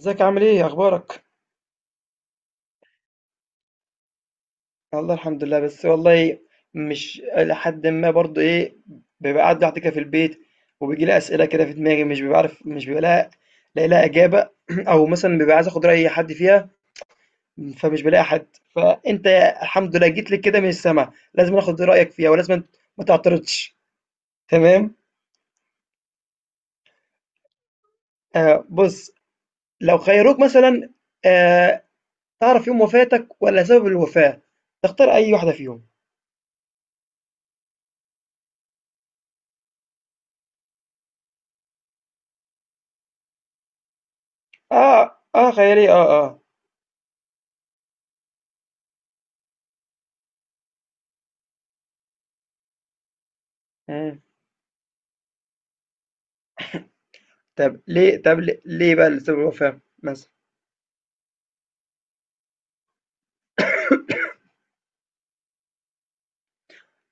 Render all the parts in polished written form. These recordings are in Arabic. ازيك، عامل ايه، اخبارك؟ والله الحمد لله. بس والله، مش لحد ما برضو ايه، بيبقى قاعد لوحدي كده في البيت، وبيجي لي اسئله كده في دماغي، مش ببقى لها لاقي لها اجابه. او مثلا ببقى عايز اخد راي حد فيها، فمش بلاقي حد. فانت الحمد لله جيت لي كده من السما، لازم اخد رايك فيها، ولازم ما تعترضش. تمام؟ آه، بص، لو خيروك مثلا، آه، تعرف يوم وفاتك ولا سبب الوفاه، تختار اي واحده فيهم؟ اه، اه، خيالي، اه، اه. مم. طب ليه، طب ليه بقى لسبب الوفاة مثلًا؟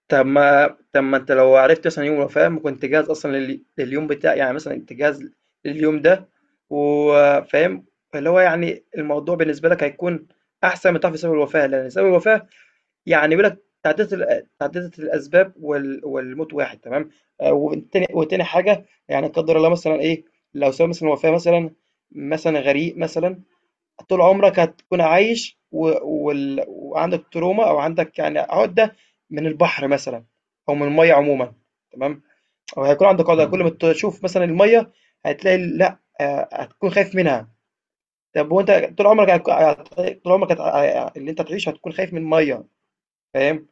طب ما أنت لو عرفت مثلًا يوم الوفاة، ما كنت جاهز أصلًا لليوم بتاع، يعني مثلًا أنت جاهز لليوم ده، وفاهم، اللي هو يعني الموضوع بالنسبة لك هيكون أحسن من تعرف سبب الوفاة. لأن سبب الوفاة يعني بيقول لك تعددت تعددة الأسباب والموت واحد، تمام. وتاني حاجة، يعني لا قدر الله مثلًا إيه، لو سبب مثلًا الوفاة مثلًا، مثلًا غريق مثلًا، طول عمرك هتكون عايش، وعندك تروما، او عندك يعني عقده من البحر مثلا، او من الميه عموما، تمام، او هيكون عندك عقده كل ما تشوف مثلا الميه، هتلاقي لا، آه، هتكون خايف منها. طب وانت طول عمرك اللي انت تعيش هتكون خايف من الميه، فاهم؟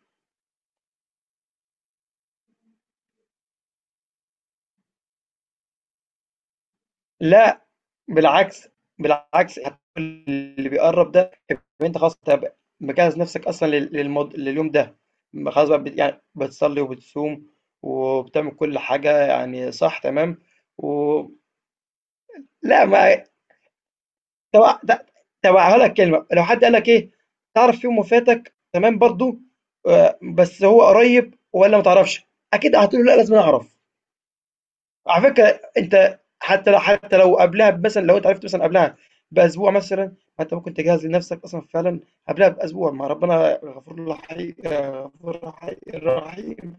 لا، بالعكس، بالعكس، اللي بيقرّب ده يبقى أنت خلاص، أنت مجهّز نَفْسك أصلًا لل للمض لليوم ده، خلاص بقى، يعني بتصلّي وبتصوم وبتعمل كل حاجة، يعني صح، تمام. و لأ ما طب د طب هاقول لك كلمة، لو حد قال لك إيه، تعرف يوم وفاتك، تمام، برضه، بس هو قريّب والّا ما تعرفش؟ أكيد هتقول له لأ، لازمًا أعرف. على فكرة أنت حتى لو قبلها مثلًا، لو أنت عرفت مثلًا قبلها بأسبوع مثلًا، ما أنت ممكن تجهّز لنفسك أصلًا فعلًا قبلها بأسبوع، ما ربنا غفور رحي غفور رحي رحيم،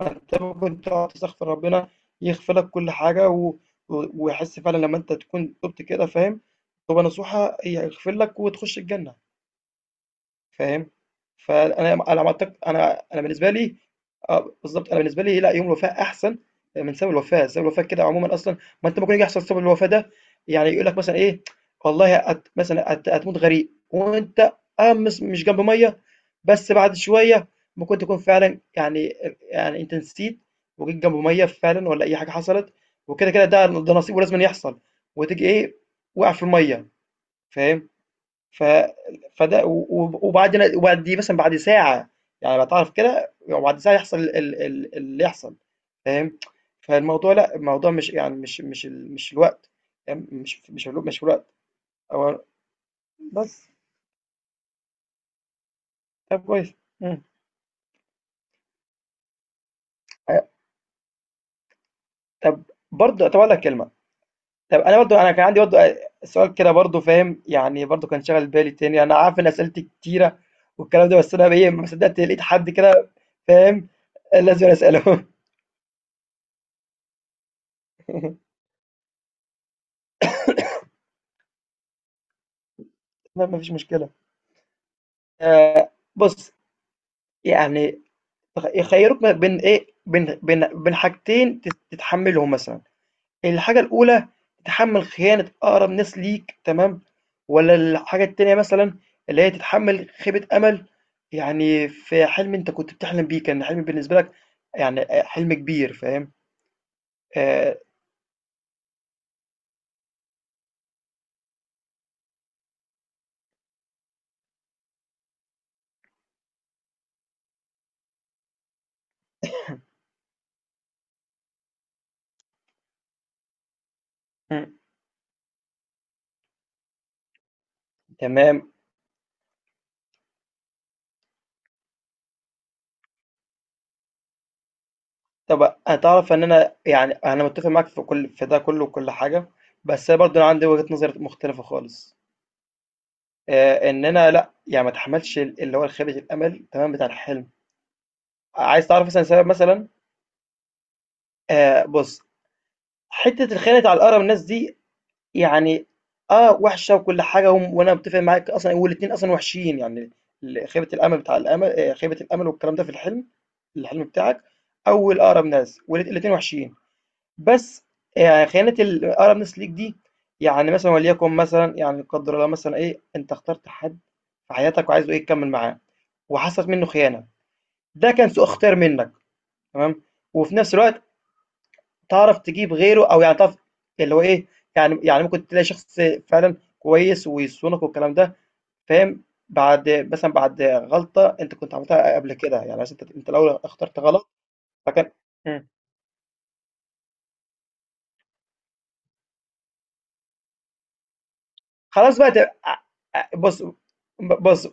فأنت ممكن تقعد تستغفر ربنا يغفر لك كل حاجة، و و ويحس فعلًا لمّا أنت تكون تُبت كده، فاهم، توبة نصوحة، هيغفر لك وتخش الجنة. فاهم؟ فأنا معتق، أنا بالنسبة لي، آه، بالضبط، أنا بالنسبة لي لأ، يوم الوفاة أحسن من سبب الوفاة. سبب الوفاة كده عمومًا أصلًا، ما أنت ممكن يجي يحصل سبب الوفاة ده، يعني يقول لك مثلًا إيه، والله هت مثلًا هت هتموت غريق، وأنت آه، مش جنب مَيّة، بس بعد شوية ممكن تكون فعلًا، يعني يعني أنت نسيت وجيت جنب مَيّة فعلًا، والّا أي حاجة حصلت وكده، كده ده نصيب ولازمًا يحصل، وتيجي إيه، واقع في المَيّة، فاهم؟ ف فده و وبعد وبعد دي مثلًا بعد ساعة، يعني باتعرف كده، وبعد ساعة يحصل ال ال ال اللي يحصل، فاهم؟ فالموضوع لأ، الموضوع مش يعني مش الوقت، فاهم؟ مش الوقت. هو بس. طب كويس. إمم. أ طب برضه طب أقول لك كلمة، طب أنا برضه، أنا كان عندي برضه سؤال كده برضه، فاهم، يعني برضه كان شاغل بالي تاني، أنا عارف إن أسئلتي كتيرة والكلام ده، بس أنا إيه، ما صدقت لقيت حد كده، فاهم، لازم أسأله. ما فيش مشكلة. بُص، يعني يخيّروك ما بين إيه، بين حاجتين تتحمّلهم مثلًا. الحاجة الأولى، تتحمّل خيانة أقرب ناس ليك، تمام. والّا الحاجة التانية مثلًا، اللي هي تتحمّل خيبة أمل، يعني في حلم أنت كنت بتحلم بيه، كان حلم بالنسبة لك، يعني حلم كبير، فاهم؟ آآ إمم، تمام. طب هتعرف إن أنا يعني أنا متّفق معاك في كل في ده كلّه وكل حاجة، بس أنا برضه عندي وجهة نظر مختلفة خالص. إن أنا لأ، يعني ما اتحمّلش اللي هو الخيبة الأمل، تمام، بتاع الحلم. عايز تعرف مثلًا سبب مثلًا؟ بُص، حتّة الخيانة على أقرب الناس دي يعني آه، وحشة وكل حاجة، وأنا متّفق معاك أصلًا، والاتنين أصلًا وحشين، يعني ال خيبة الأمل بتاع الأمل خيبة الأمل والكلام ده في الحلم، الحلم بتاعك، أو الأقرب ناس، الاتنين وحشين. بس خيانة الأقرب ناس ليك دي، يعني مثلًا، وليكن مثلًا، يعني لا قدّر الله مثلًا إيه، أنت اخترت حد في حياتك وعايز إيه تكمّل معاه، وحصلت منّه خيانة. ده كان سوء اختيار منّك، تمام، وفي نفس الوقت تعرف تجيب غيره، أو يعني تعرف اللي هو إيه، يعني ممكن تلاقي شخص فعلًا كويس ويصونك والكلام ده، فاهم، بعد مثلًا بعد غلطة أنت كنت عملتها قبل كده، يعني مثلًا أنت الأول اخترت غلط، فكان إمم، خلاص بقى ت أ بُص، بُص.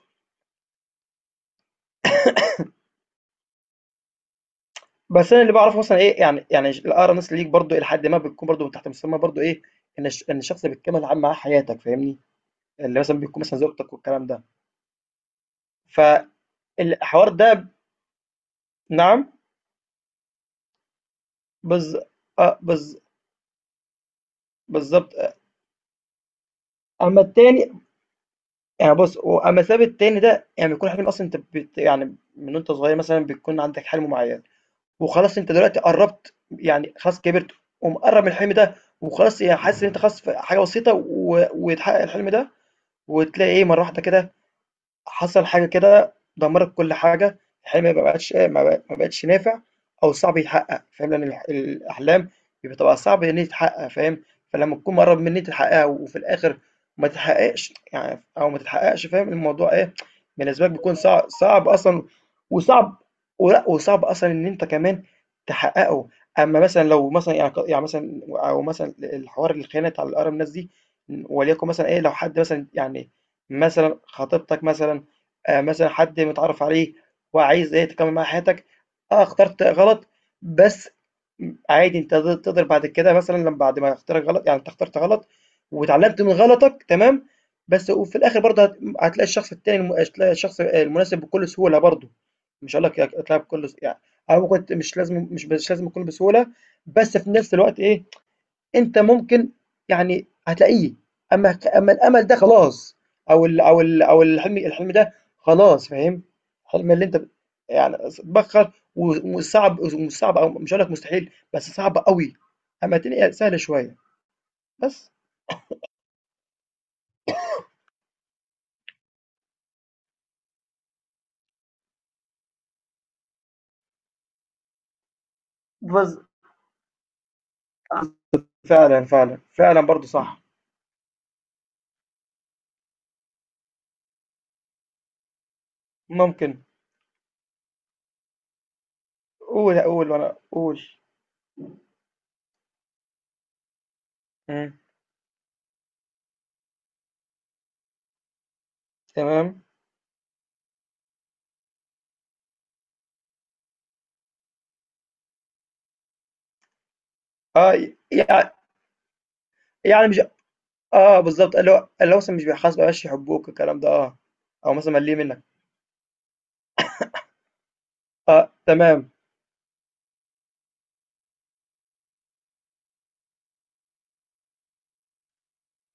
بس انا اللي بعرفه مثلا ايه، يعني الاقرانس ليك برضو الى حد ما، بتكون برضو من تحت مسمى برضو ايه، ان الشخص اللي بتكمل عام معاه حياتك، فاهمني؟ اللي مثلا بيكون مثلا زوجتك والكلام ده، فالحوار ده. نعم. بز آه، بز، بالظبط. اما التاني، يعني بص، اما السبب التاني ده يعني بيكون حلم اصلا، انت يعني من وانت صغير مثلا بيكون عندك حلم معين، وخلاص انت دلوقتي قربت، يعني خلاص كبرت ومقرب من الحلم ده، وخلاص يعني حاسس ان انت خلاص في حاجه بسيطه، ويتحقق الحلم ده، وتلاقي ايه، مره واحده كده حصل حاجة كده دمّرت كل حاجة. الحلم ما بقاش ما بق ما بقتش نافع، أو صعب يتحقق، فاهم، لأن الأحلام بتبقى صعب إن هي تتحقق، فاهم، فلما تكون مقرّب من إن أنت تحققها وفي الآخر ما تتحققش، يعني أو ما تتحققش، فاهم، الموضوع إيه، بالنسبة لك بيكون صعب أصلًا، وصعب، وصعب أصلًا إن أنت كمان تحققه. أمّا مثلًا لو مثلًا يعني يعني مثلًا، أو مثلًا الحوار الخيانة بتاع الأقرب ناس دي، وليكن مثلًا إيه، لو حد مثلًا يعني مثلًا خطيبتك مثلًا، مثلًا حد متعرّف عليه وعايز إيه تكمّل معاه حياتك، آه اخترت غلط، بس عادي أنت تقدر بعد كده مثلًا لم بعد ما اختيارك غلط، يعني أنت اخترت غلط واتعلّمت من غلطك، تمام، بس وفي الآخر برضه هتلاقي الشخص التاني هتلاقي الشخص المناسب بكل سهولة برضه، مش هاقول لك هتلاقيها بكل يعني، أو ممكن مش لازم مش مش لازم يكون بسهولة، بس في نفس الوقت إيه، أنت ممكن يعني هتلاقيه. أمّا أمّا الأمل ده خلاص، أو الحلم ده خلاص، فاهم، الحلم اللي أنت يعني بتبخّر، وصعب، ومش صعب، أو مش هاقول لك مستحيل، بس صعب أوي، أمّا الدنيا سهلة شوية. بس. بالض فعلًا، فعلًا، فعلًا برضه صح. ممكن، قُل قُل، وأنا قُل. إمم، تمام، آه، ي يع يعني مش، آه، بالضبط، اللي هو مثلًا مش بيحاسبك، ما بقاش يحبوك، الكلام ده آه، أو مثلًا مقلّلين منّك. آه، تمام،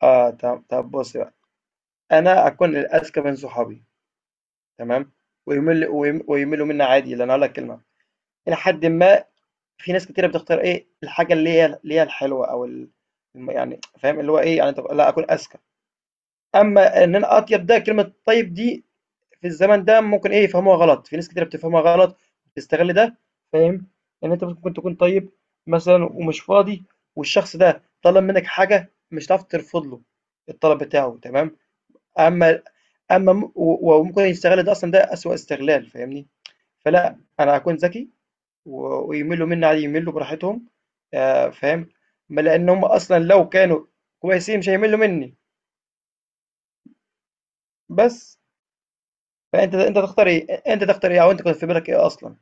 آه، طب بُصّي بقى، أنا أكون الأذكى من صحابي، تمام، ويمل ويم ويميلوا منّي عادي، لأن هاقول لك كلمة، إلى حدٍ ما، في ناس كتيرة بتختار إيه، الحاجة اللي هي الحلوة، أو ال م يعني فاهم، اللي هو إيه، يعني تبقى لأ أكون أذكى. أمّا إن أنا أطيب، ده كلمة طيب دي في الزمن ده ممكن إيه، يفهموها غلط، في ناس كتيرة بتفهمها غلط، بتستغل ده، فاهم، إن أنت ممكن تكون طيب مثلًا، ومش فاضي، والشخص ده طلب منّك حاجة مش هتعرف ترفض له الطلب بتاعه، تمام. اما اما وممكن يستغل ده اصلا، ده اسوأ استغلال، فاهمني؟ فلا، انا هكون ذكي، ويملوا مني عادي، يملوا براحتهم، آه، فاهم، ما لان هم اصلا لو كانوا كويسين مش هيملوا مني، بس. انت تختار ايه، انت تختار ايه، او انت كنت في بالك ايه اصلا؟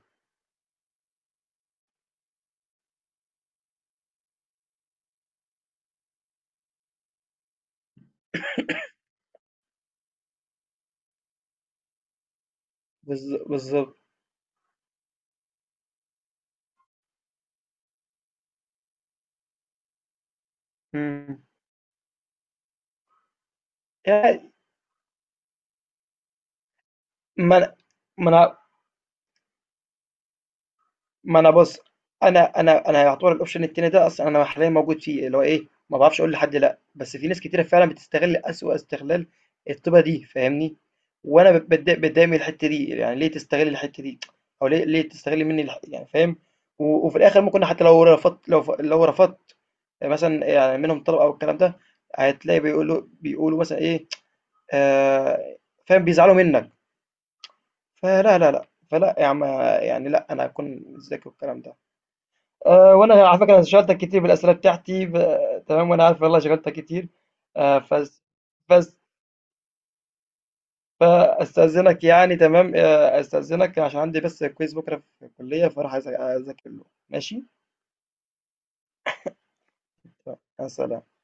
بالظبط. مم. يعني ما أنا- ما انا ما أنا بُص، أنا يعتبر الoption التاني ده أصلًا أنا حاليًا موجود فيه، اللي هو إيه، ما باعرفش أقول لحد لأ، بس في ناس كتيرة فعلًا بتستغل أسوأ استغلال الطيبة دي، فاهمني؟ وأنا باتضايق، من الحتّة دي، يعني ليه تستغل الحتّة دي، أو ليه تستغل منّي يعني، فاهم؟ وفي الآخر ممكن حتى لو رفضت، لو رفضت مثلًا يعني منهم طلب، أو الكلام ده، هتلاقي بيقولوا مثلًا إيه، آآ، فاهم، بيزعلوا منّك، فلا، لا، لأ، فلأ يا عم، يعني لأ، أنا هاكون ذكي والكلام ده. أه، وانا على فكره انا شغلتك كتير بالاسئله بتاعتي تمام، وانا عارف، والله شغلتك كتير. أه، فس... فس... فاستاذنك يعني تمام أه استاذنك عشان عندي بس كويز بكره في الكليه، فراح اذاكر له، ماشي؟ تمام، مع السلامة.